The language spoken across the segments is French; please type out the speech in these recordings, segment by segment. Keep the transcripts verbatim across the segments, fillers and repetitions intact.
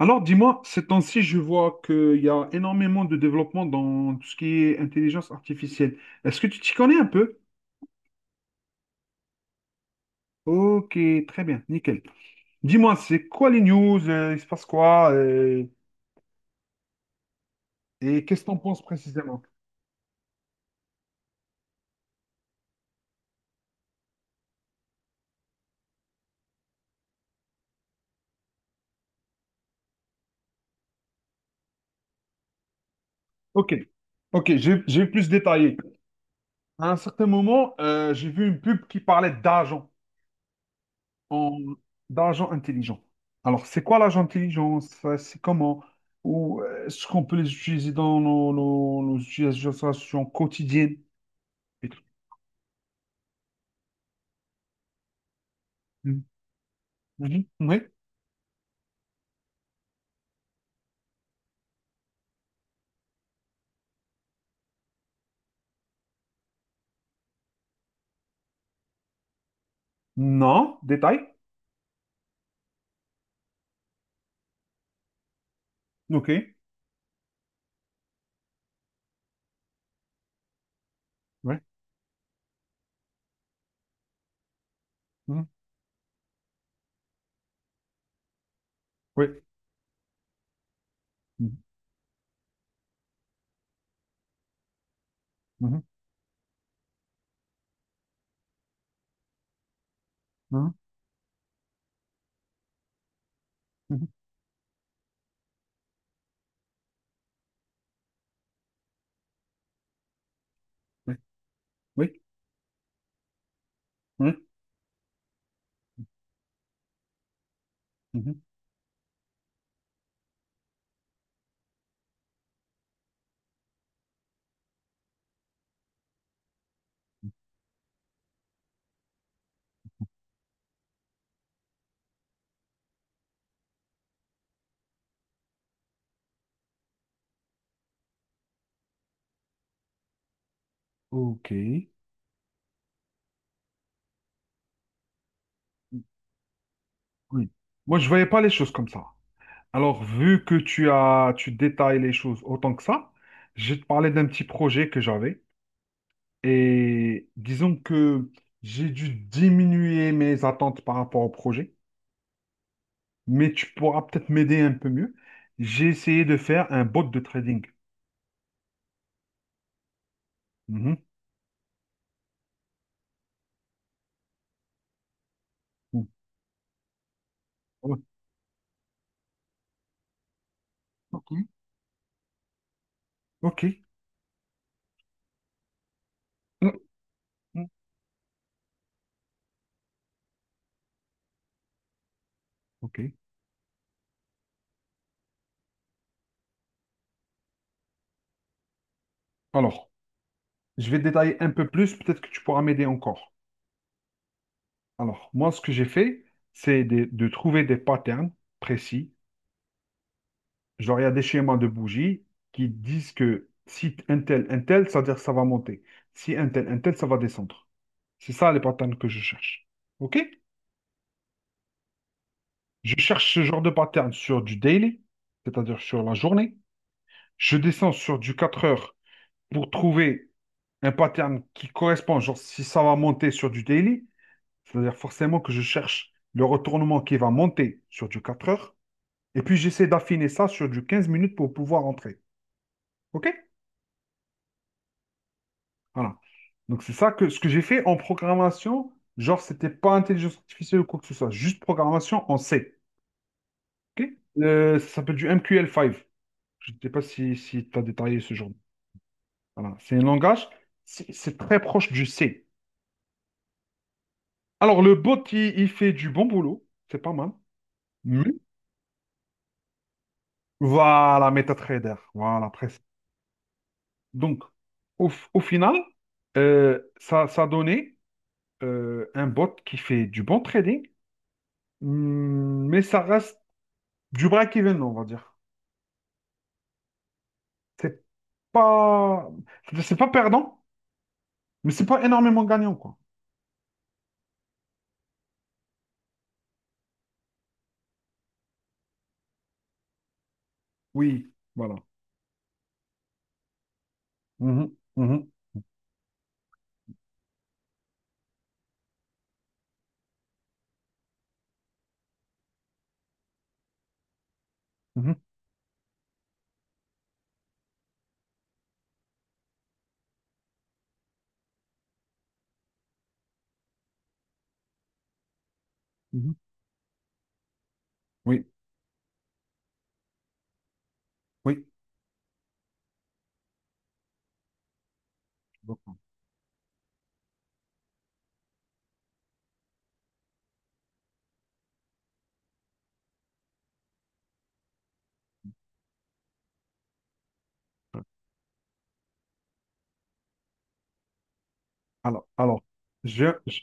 Alors, dis-moi, ces temps-ci, je vois qu'il y a énormément de développement dans tout ce qui est intelligence artificielle. Est-ce que tu t'y connais un peu? Ok, très bien, nickel. Dis-moi, c'est quoi les news? Euh, il se passe quoi? Euh, et qu'est-ce que t'en penses précisément? Ok, ok, je, je vais plus détailler. À un certain moment, euh, j'ai vu une pub qui parlait d'argent. en- D'argent intelligent. Alors, c'est quoi l'argent intelligent? Ça, c'est comment? Ou euh, est-ce qu'on peut les utiliser dans nos, nos- nos utilisations quotidiennes? Et tout. Mhm. Mhm. Oui. Non. Détail. OK. Oui. Mhm. Oui. Mhm. Mhm. Mhm. Mhm. Oui. Oui. Mhm. Mhm. OK. Oui. Moi, je ne voyais pas les choses comme ça. Alors, vu que tu as, tu détailles les choses autant que ça, je vais te parler d'un petit projet que j'avais. Et disons que j'ai dû diminuer mes attentes par rapport au projet, mais tu pourras peut-être m'aider un peu mieux. J'ai essayé de faire un bot de trading. Mhm. Oh, ok. Ok. Mhm. Ok. Alors, je vais détailler un peu plus, peut-être que tu pourras m'aider encore. Alors, moi, ce que j'ai fait, c'est de, de trouver des patterns précis. Genre, il y a des schémas de bougies qui disent que si un tel, un tel, ça veut dire que ça va monter. Si un tel, un tel, ça va descendre. C'est ça les patterns que je cherche. OK? Je cherche ce genre de pattern sur du daily, c'est-à-dire sur la journée. Je descends sur du quatre heures pour trouver un pattern qui correspond. Genre, si ça va monter sur du daily, c'est-à-dire forcément que je cherche le retournement qui va monter sur du quatre heures. Et puis, j'essaie d'affiner ça sur du quinze minutes pour pouvoir entrer. OK? Voilà. Donc c'est ça que ce que j'ai fait en programmation, genre c'était pas intelligence artificielle ou quoi que ce soit, juste programmation en C. Ok. Euh, ça s'appelle du M Q L cinq. Je ne sais pas si, si tu as détaillé ce genre. de- Voilà. C'est un langage, c'est c'est très proche du C. Alors le bot, il, il fait du bon boulot, c'est pas mal. Mais voilà, MetaTrader, voilà, presque. Donc au, f- au final, euh, ça, ça a donné euh, un bot qui fait du bon trading. Hmm, mais ça reste du break-even, on va dire. C'est pas, c'est pas perdant, mais c'est pas énormément gagnant, quoi. Oui, voilà. Mhm, mhm, mhm, mhm. Oui, oui. Alors, alors, je, je-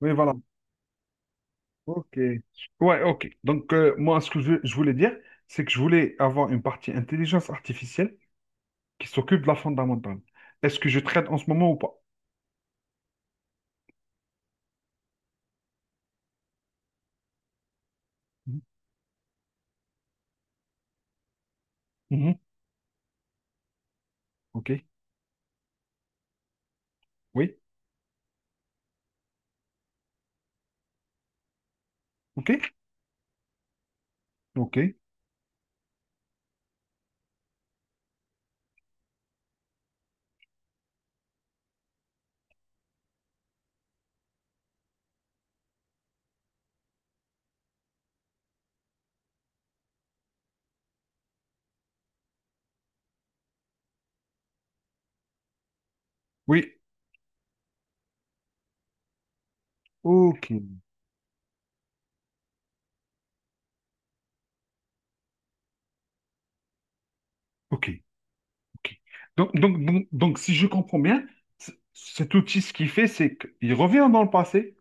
oui, voilà. Ok. Ouais, ok. Donc, euh, moi, ce que je, je voulais dire, c'est que je voulais avoir une partie intelligence artificielle qui s'occupe de la fondamentale. Est-ce que je traite en ce moment ou pas? Mhm, mhm. Ok. Oui. Ok. Ok. Oui. Ok. Ok. Ok. Donc, donc, donc, donc, si je comprends bien, c- cet outil, ce qu'il fait, c'est qu'il revient dans le passé,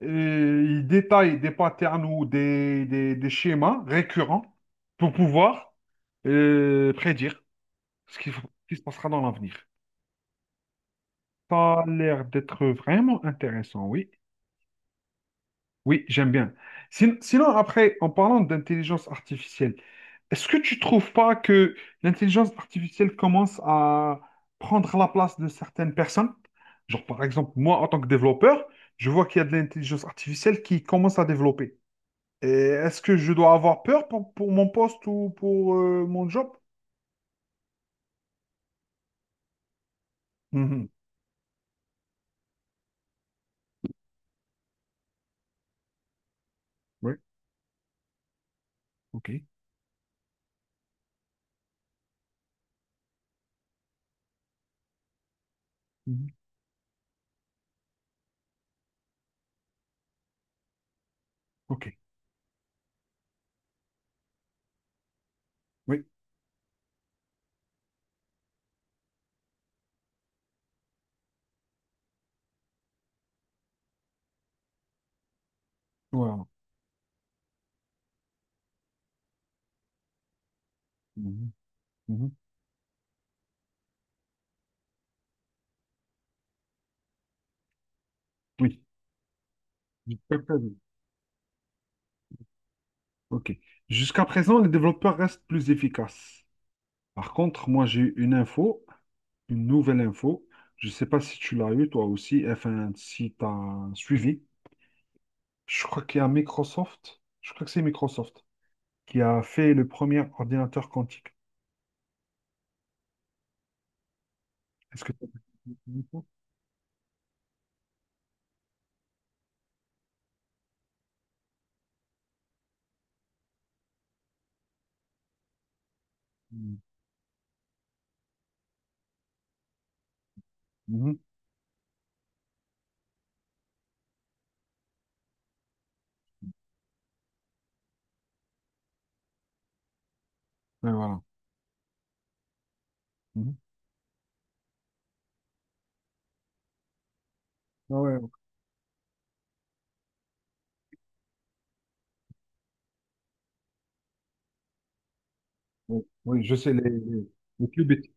et il détaille des patterns ou des, des- des schémas récurrents pour pouvoir euh, prédire ce qui, ce qui se passera dans l'avenir. Ça a l'air d'être vraiment intéressant, oui. Oui, j'aime bien. Sin- Sinon, après, en parlant d'intelligence artificielle, est-ce que tu trouves pas que l'intelligence artificielle commence à prendre la place de certaines personnes? Genre, par exemple, moi, en tant que développeur, je vois qu'il y a de l'intelligence artificielle qui commence à développer. Et est-ce que je dois avoir peur pour, pour mon poste ou pour euh, mon job? Mhm. Oui, ok. Mhm. Ok. Oui, voilà. Mhm. Mhm. Oui. Jusqu'à présent. Ok. Jusqu'à présent, les développeurs restent plus efficaces. Par contre, moi, j'ai eu une info, une nouvelle info. Je ne sais pas si tu l'as eu toi aussi, enfin si tu as suivi. Je crois qu'il y a Microsoft, je crois que c'est Microsoft qui a fait le premier ordinateur quantique. Est-ce que tu mhm. Mhm. Ouais, voilà. Mhm. Ah ouais, ouais. Oui, je sais, les, les, les qubits.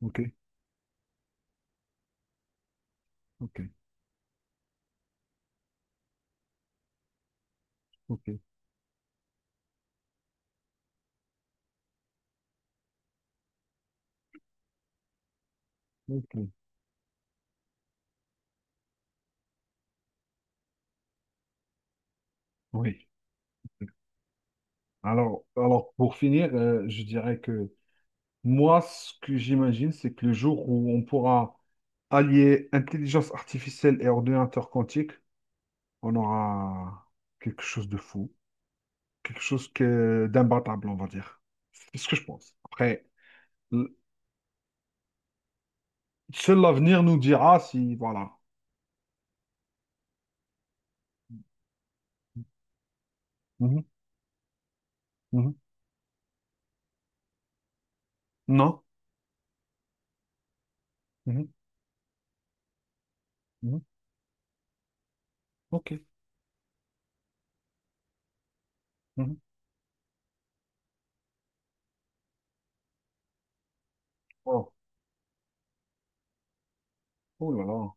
Ok, ok, ok, ok. Oui. Alors, alors pour finir, euh, je dirais que moi, ce que j'imagine, c'est que le jour où on pourra allier intelligence artificielle et ordinateur quantique, on aura quelque chose de fou, quelque chose que d'imbattable, on va dire. C'est ce que je pense. Après, l- seul l'avenir nous dira si, voilà. Mhm, mhm. Non? Mhm, mhm. Ok. Mhm. Wow. Oh là là.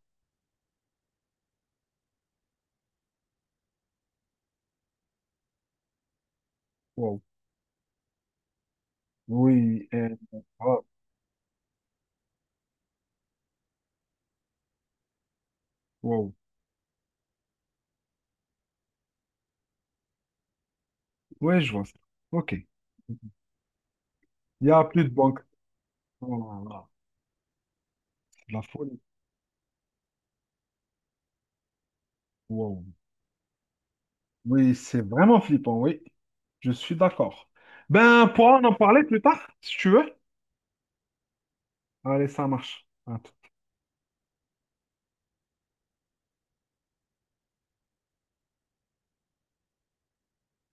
Wow. Oui. Euh, ah, wow. Ouais, je vois ça. Ok. Il n'y a plus de banque. Oh là là. C'est de la folie. Wow. Oui, c'est vraiment flippant, oui. Je suis d'accord. Ben, on pourra en en parler plus tard, si tu veux. Allez, ça marche. À